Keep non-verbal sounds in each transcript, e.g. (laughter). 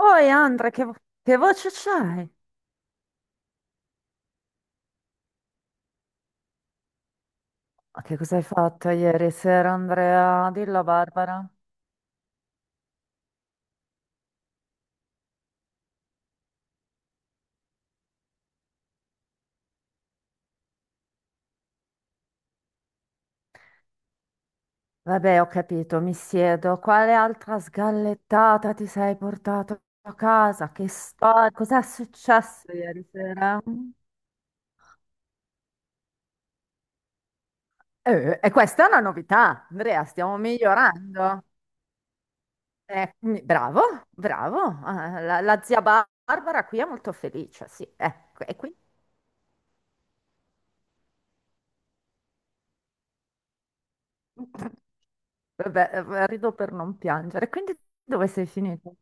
Oi Andrea, che voce c'hai? Ma che cosa hai fatto ieri sera, Andrea? Dillo a Barbara. Vabbè, ho capito, mi siedo. Quale altra sgallettata ti sei portato a casa? Che storia? Cos'è successo ieri sera? E questa è una novità, Andrea, stiamo migliorando. Bravo, bravo. Ah, la zia Barbara qui è molto felice, sì. Ecco, e qui? Vabbè, rido per non piangere. Quindi dove sei finito?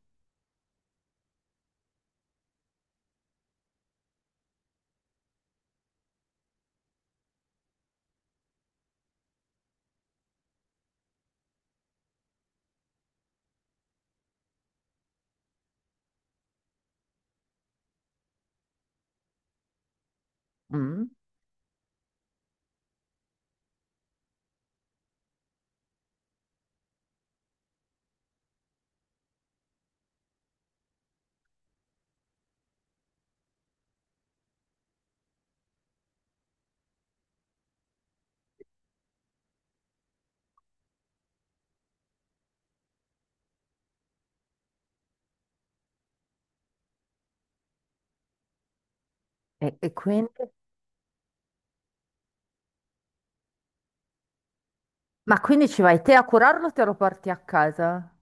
Mm. E quindi? Ma quindi ci vai te a curarlo o te lo porti a casa?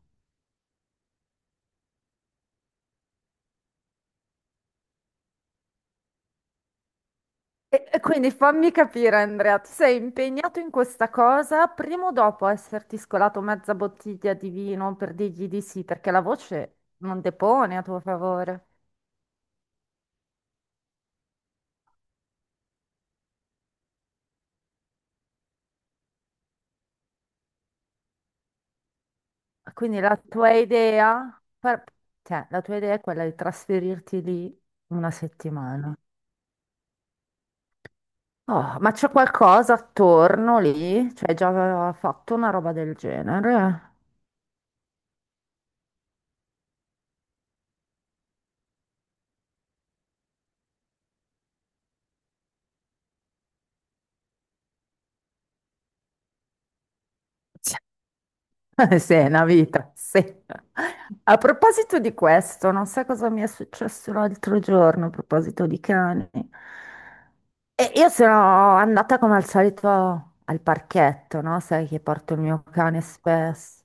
E quindi fammi capire, Andrea, tu sei impegnato in questa cosa, prima o dopo esserti scolato mezza bottiglia di vino per dirgli di sì, perché la voce non depone a tuo favore. Quindi la tua idea, cioè, la tua idea è quella di trasferirti lì una settimana. Oh, ma c'è qualcosa attorno lì? Cioè, già aveva fatto una roba del genere? (laughs) Cioè, sì, è una vita, sì. A proposito di questo, non sai cosa mi è successo l'altro giorno a proposito di cani. E io sono andata come al solito al parchetto, no? Sai che porto il mio cane spesso.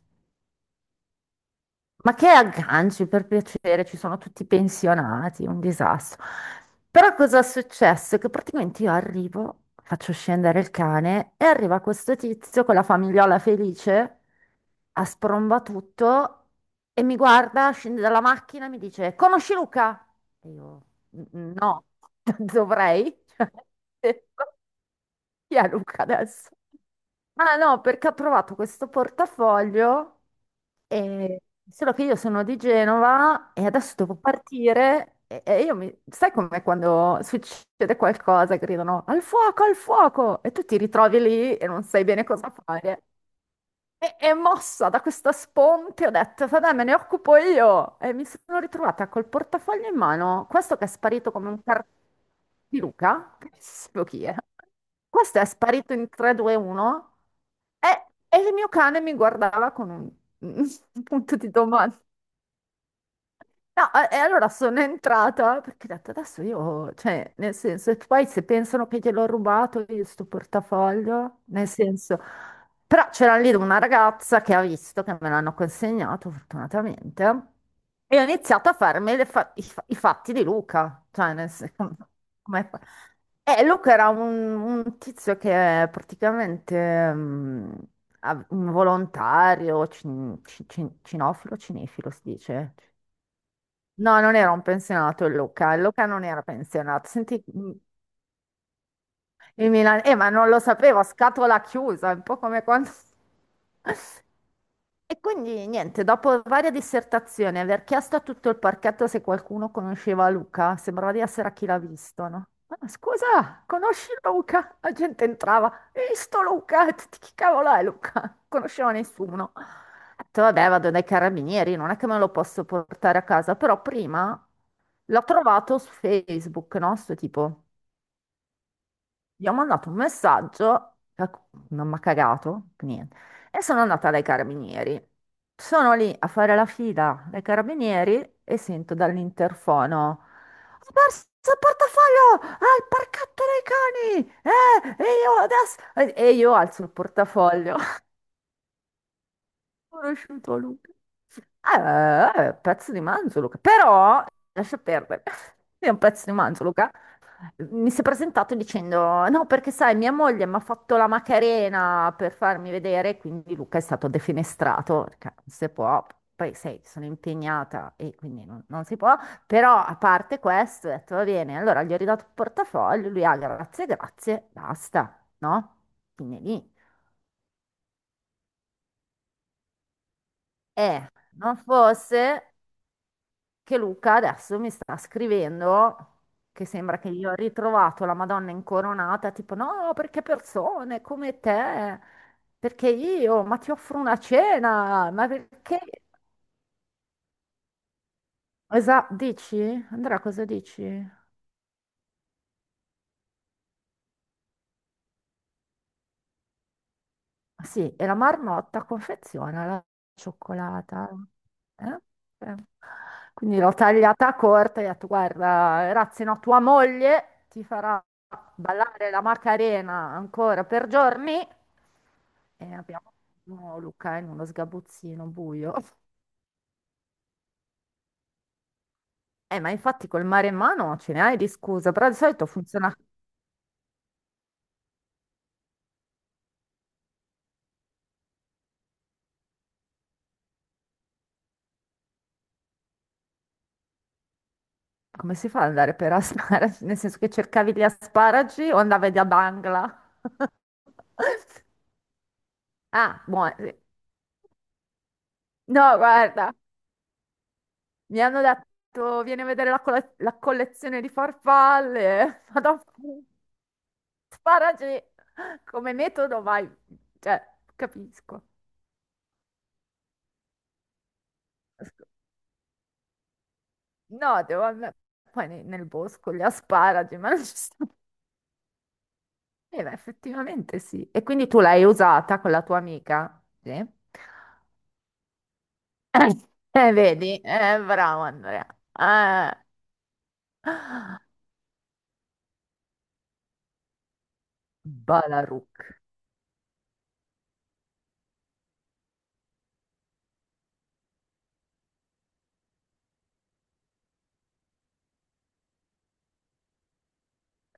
Ma che agganci, per piacere, ci sono tutti pensionati, un disastro. Però cosa è successo? Che praticamente io arrivo, faccio scendere il cane e arriva questo tizio con la famigliola felice, a spromba tutto e mi guarda, scende dalla macchina e mi dice: Conosci Luca? E io: No, (laughs) dovrei. (laughs) Chi è Luca adesso? Ah no, perché ho provato questo portafoglio, e- solo che io sono di Genova e adesso devo partire e io mi... Sai com'è quando succede qualcosa, gridano al fuoco e tu ti ritrovi lì e non sai bene cosa fare. E mossa da questa sponte, ho detto, vabbè, me ne occupo io. E mi sono ritrovata col portafoglio in mano, questo che è sparito come un cartone di Luca, che so chi è. Questo è sparito in 3, 2, 1 e il mio cane mi guardava con un, (laughs) un punto di domanda. No, e allora sono entrata perché ho detto adesso io, cioè, nel senso, e poi se pensano che gliel'ho rubato io sto portafoglio, nel senso, però c'era lì una ragazza che ha visto che me l'hanno consegnato fortunatamente e ho iniziato a farmi le fa- i fatti di Luca, cioè, nel senso, (laughs) come Luca era un tizio che praticamente un volontario, cinofilo, cinefilo si dice. No, non era un pensionato il Luca non era pensionato. Senti, il Milan, ma non lo sapevo, a scatola chiusa, è un po' come quando (laughs) E quindi niente, dopo varie dissertazioni, aver chiesto a tutto il parchetto se qualcuno conosceva Luca, sembrava di essere a chi l'ha visto, no? Ah, scusa, conosci Luca? La gente entrava, "Hai visto Luca? E tutti, Chi cavolo è Luca? Non conosceva nessuno. Ho detto, vabbè, vado dai carabinieri, non è che me lo posso portare a casa, però prima l'ho trovato su Facebook, no? Sto tipo gli ho mandato un messaggio, per cui non mi ha cagato, niente, e sono andata dai carabinieri. Sono lì a fare la fila dai carabinieri e sento dall'interfono, ho perso il portafoglio al parchetto dei cani, e io adesso... E io alzo il portafoglio, (laughs) ho conosciuto Luca. Pezzo di manzo, Luca, però, lascia perdere, (laughs) è un pezzo di manzo, Luca. Mi si è presentato dicendo: No, perché sai, mia moglie mi ha fatto la Macarena per farmi vedere, quindi Luca è stato defenestrato, perché non si può. Poi sai, sono impegnata e quindi non, non si può. Però a parte questo, ho detto va bene. Allora gli ho ridato il portafoglio, lui ha grazie, grazie, basta, no? Fine lì. E non fosse. Che Luca adesso mi sta scrivendo che sembra che io ho ritrovato la Madonna incoronata, tipo no, perché persone come te, perché io, ma ti offro una cena, ma perché? Esatto, dici? Andrea, cosa dici? Ah, sì, e la marmotta confeziona la cioccolata. Eh? Eh. Quindi l'ho tagliata corta e ho detto, guarda, ragazzi, no, tua moglie ti farà ballare la Macarena ancora per giorni. E abbiamo oh, Luca in uno sgabuzzino buio. Ma infatti col mare in mano ce ne hai di scusa, però di solito funziona come si fa ad andare per asparagi? (laughs) Nel senso che cercavi gli asparagi o andavi da Bangla? (laughs) Ah, buono. Sì. No, guarda, mi hanno detto vieni a vedere la collezione di farfalle. (laughs) Madonna, sparagi come metodo, vai, cioè, capisco. No, devo andare poi nel bosco, gli asparagi, ma non ci sta. Beh, effettivamente sì. E quindi tu l'hai usata con la tua amica? Sì. (coughs) Vedi? Bravo Andrea. Eh. Balaruk,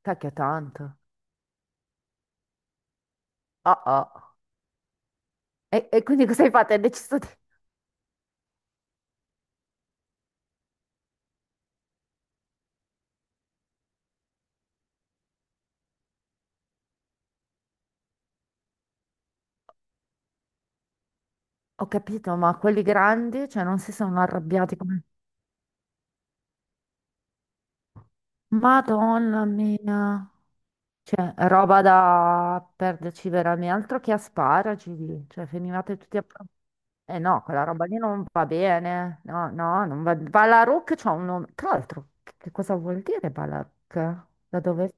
tacchia tanto. Oh, oh. E quindi cosa hai fatto? Hai deciso di Ho capito, ma quelli grandi, cioè, non si sono arrabbiati come... Madonna mia! Cioè, roba da perderci veramente, altro che asparagi, lì. Cioè, finivate tutti a... pro- Eh no, quella roba lì non va bene, no, no, non va... Balaruc c'ha un nome... Tra l'altro, che cosa vuol dire Balaruc? Da dove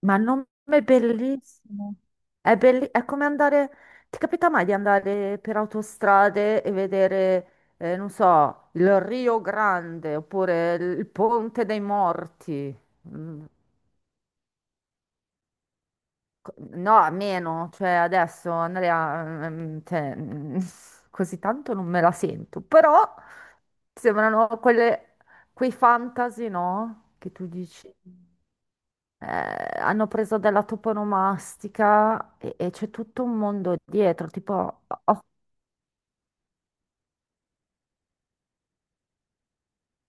Ma il nome è bellissimo. È, è come andare. Ti capita mai di andare per autostrade e vedere, non so, il Rio Grande oppure il Ponte dei Morti? Mm, No, meno, cioè adesso Andrea, cioè, (laughs) così tanto non me la sento, però sembrano quelle, quei fantasy, no? Che tu dici. Hanno preso della toponomastica e c'è tutto un mondo dietro, tipo, oh,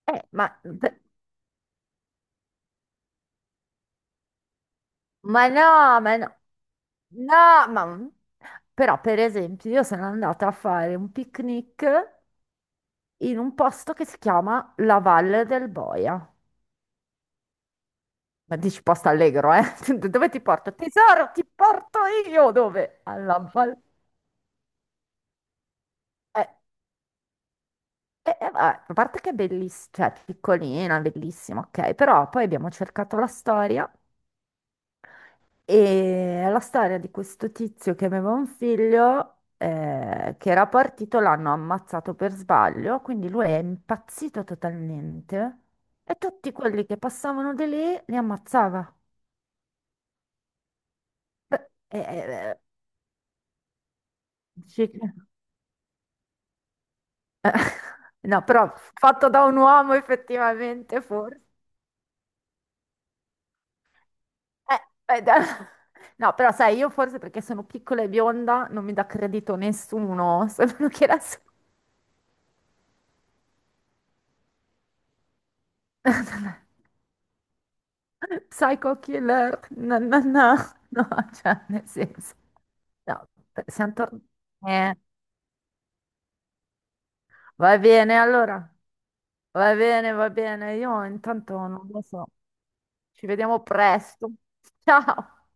eh, ma, ma, no, ma no, no, ma... Però, per esempio, io sono andata a fare un picnic in un posto che si chiama La Valle del Boia. Ma dici posto allegro, eh? (laughs) Dove ti porto? Tesoro, ti porto io! Dove? Alla Valle... Eh, Vabbè, a parte che è bellissima, cioè piccolina, bellissima, ok, però poi abbiamo cercato la storia E è la storia di questo tizio che aveva un figlio che era partito, l'hanno ammazzato per sbaglio, quindi lui è impazzito totalmente e tutti quelli che passavano di lì li ammazzava. Beh, eh, dici (laughs) No, però fatto da un uomo effettivamente forse. Eh, eh, da- (laughs) No, però sai, io forse perché sono piccola e bionda non mi dà credito nessuno, (laughs) solo che la so. (laughs) Psycho killer, no, no, no, (laughs) no, cioè nel senso, no, siamo tornati, eh, va bene allora, va bene, io intanto non lo so, ci vediamo presto, ciao!